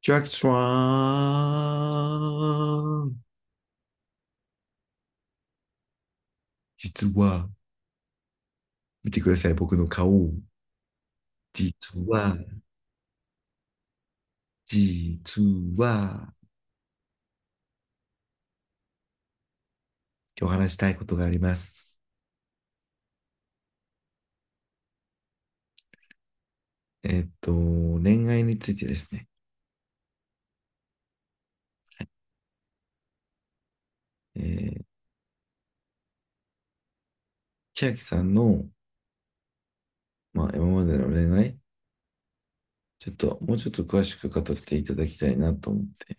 ジャック・スワン。実は、見てください、僕の顔。実は、実は、今日話したいことがあります。恋愛についてですね。えー、千秋さんの、まあ、今までの恋愛、ちょっと、もうちょっと詳しく語っていただきたいなと思って。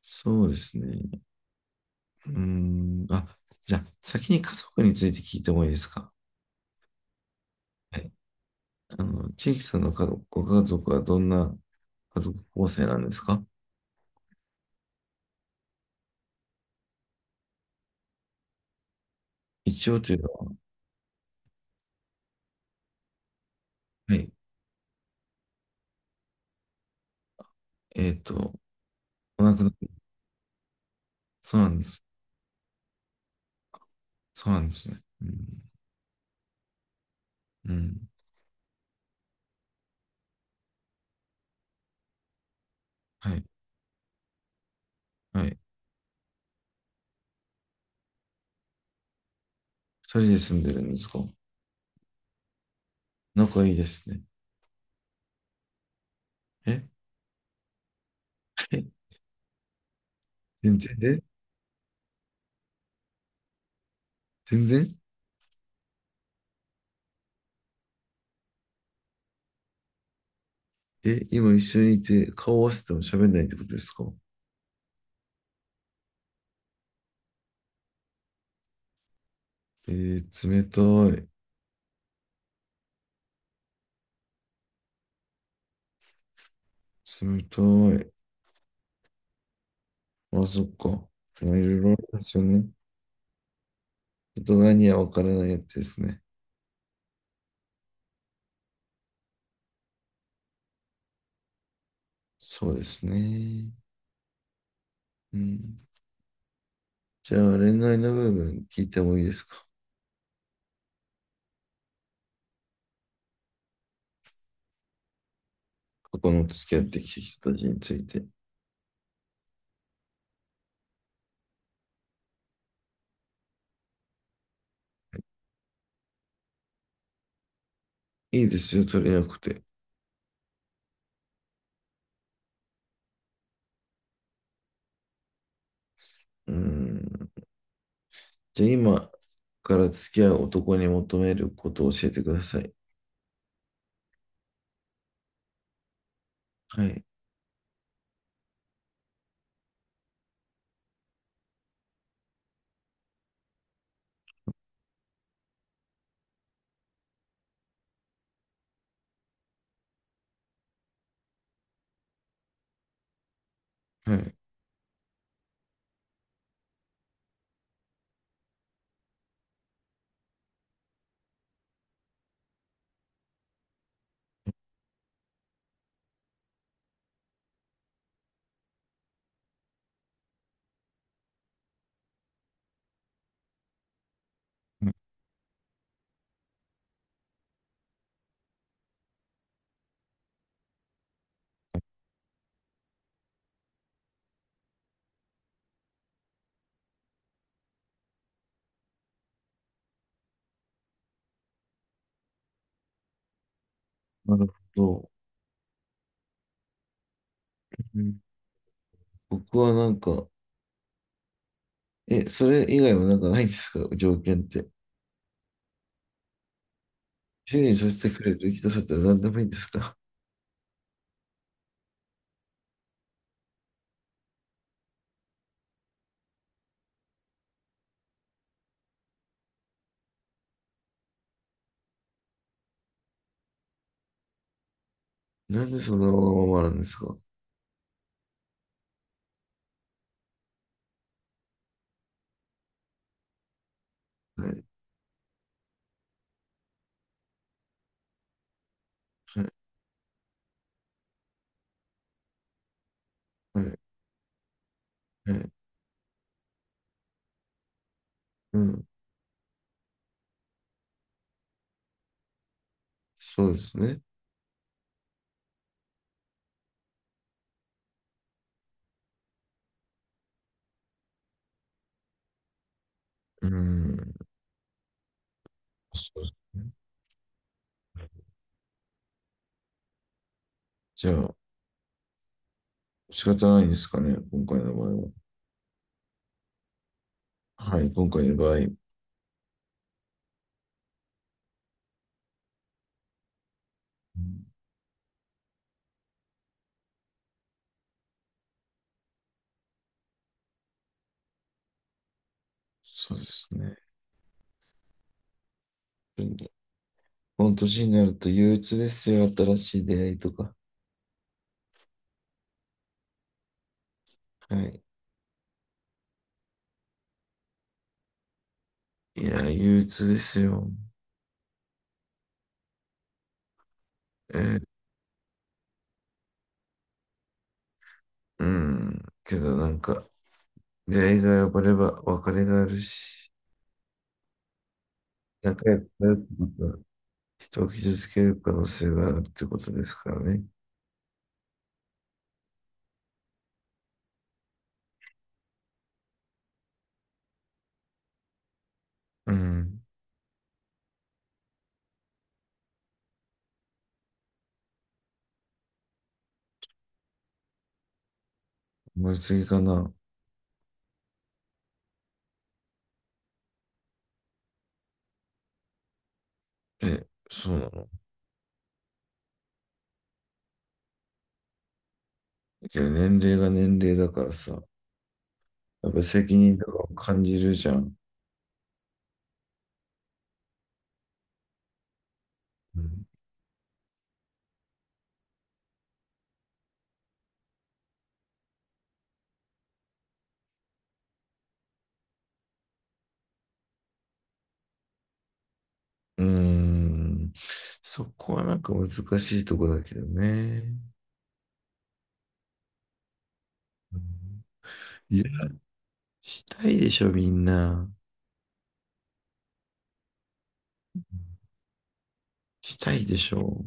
そうですね。うーん、あ、じゃあ、先に家族について聞いてもいいですか？はい。あの、千秋さんの家族、ご家族はどんな家族構成なんですか？一応というのは？はい。えっと、お亡くなり、そうなんです。そうなんですね。うん。うん。はい。はい。二人で住んでるんですか？仲いいですね。え？ 全然え全然え、今一緒にいて顔合わせても喋んないってことですか？えー、冷たい。冷たい。あ、そっか。まあ、いろいろあるんですよね。外側には分からないやつですね。そうですね。うん。じゃあ、恋愛の部分聞いてもいいですか？過去の付き合ってきた人たちについて。いいですよ、取れなくて。うん。じゃあ、今から付き合う男に求めることを教えてください。はい。はい。はい。なるほど。うん。僕はなんか、え、それ以外はなんかないんですか、条件って。主にさせてくれる人だったら何でもいいんですか？ なんでそんなわがままなんですか？はい、はい、はい、はい。うん。そうですね。うん。そうですね。じゃあ、仕方ないですかね、今回の場合は。はい、今回の場合。うん。そうですね。うん。この年になると憂鬱ですよ、新しい出会いとか。はい。いや、憂鬱ですよ。えー、うん。けどなんか、出会いが破れば別れがあるし、仲良くなるってことは、人を傷つける可能性があるってことですからね。うん。思い過ぎかな。え、そうなの？けど年齢が年齢だからさ、やっぱ責任とかを感じるじゃん。うん。うーん。そこはなんか難しいとこだけどね。うん。いや、したいでしょ、みんな。したいでしょ。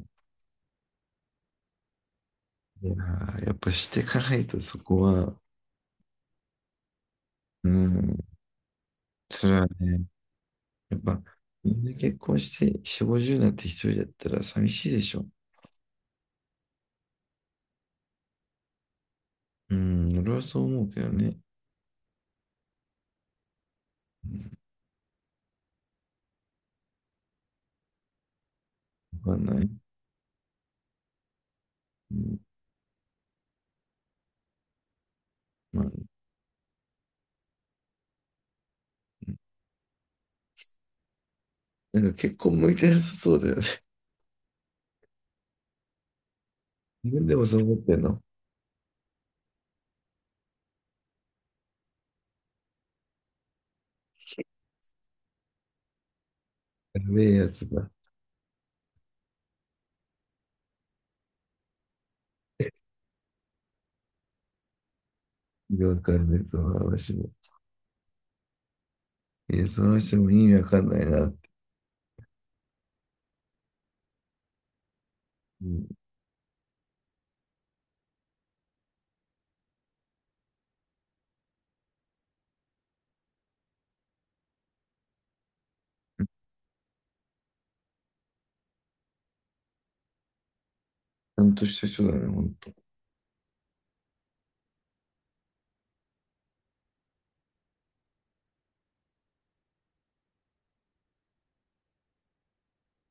いやー、やっぱしていかないとそこは、うん、それはね、やっぱみんな結婚して4、50になって一人だったら寂しいでしょ。うん、俺はそう思うけどね。わかんない。うん、まあ、なんか結婚向いてなさそうだよね。自分でもそう思ってんの？やべえやつだ。わかんない、その話も。いや、その話も意味わかんないなって。うん、ちゃんとした人だね、ほんと。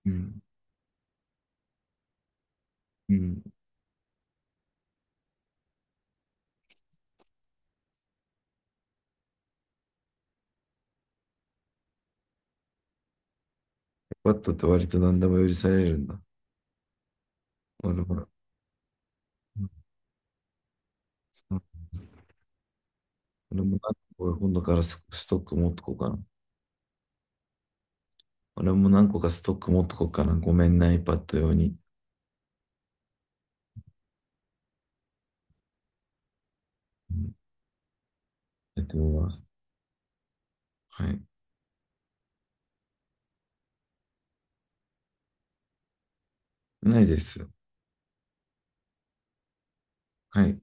うん。うん。バッ d って割と何でも許されるんだ。俺も、うん、そう。俺も何個か今度からスストック持っとこうかな。俺も何個かストック持っとこうかな。ごめんな、iPad 用に。うん、やってみます。はい。ないです。はい。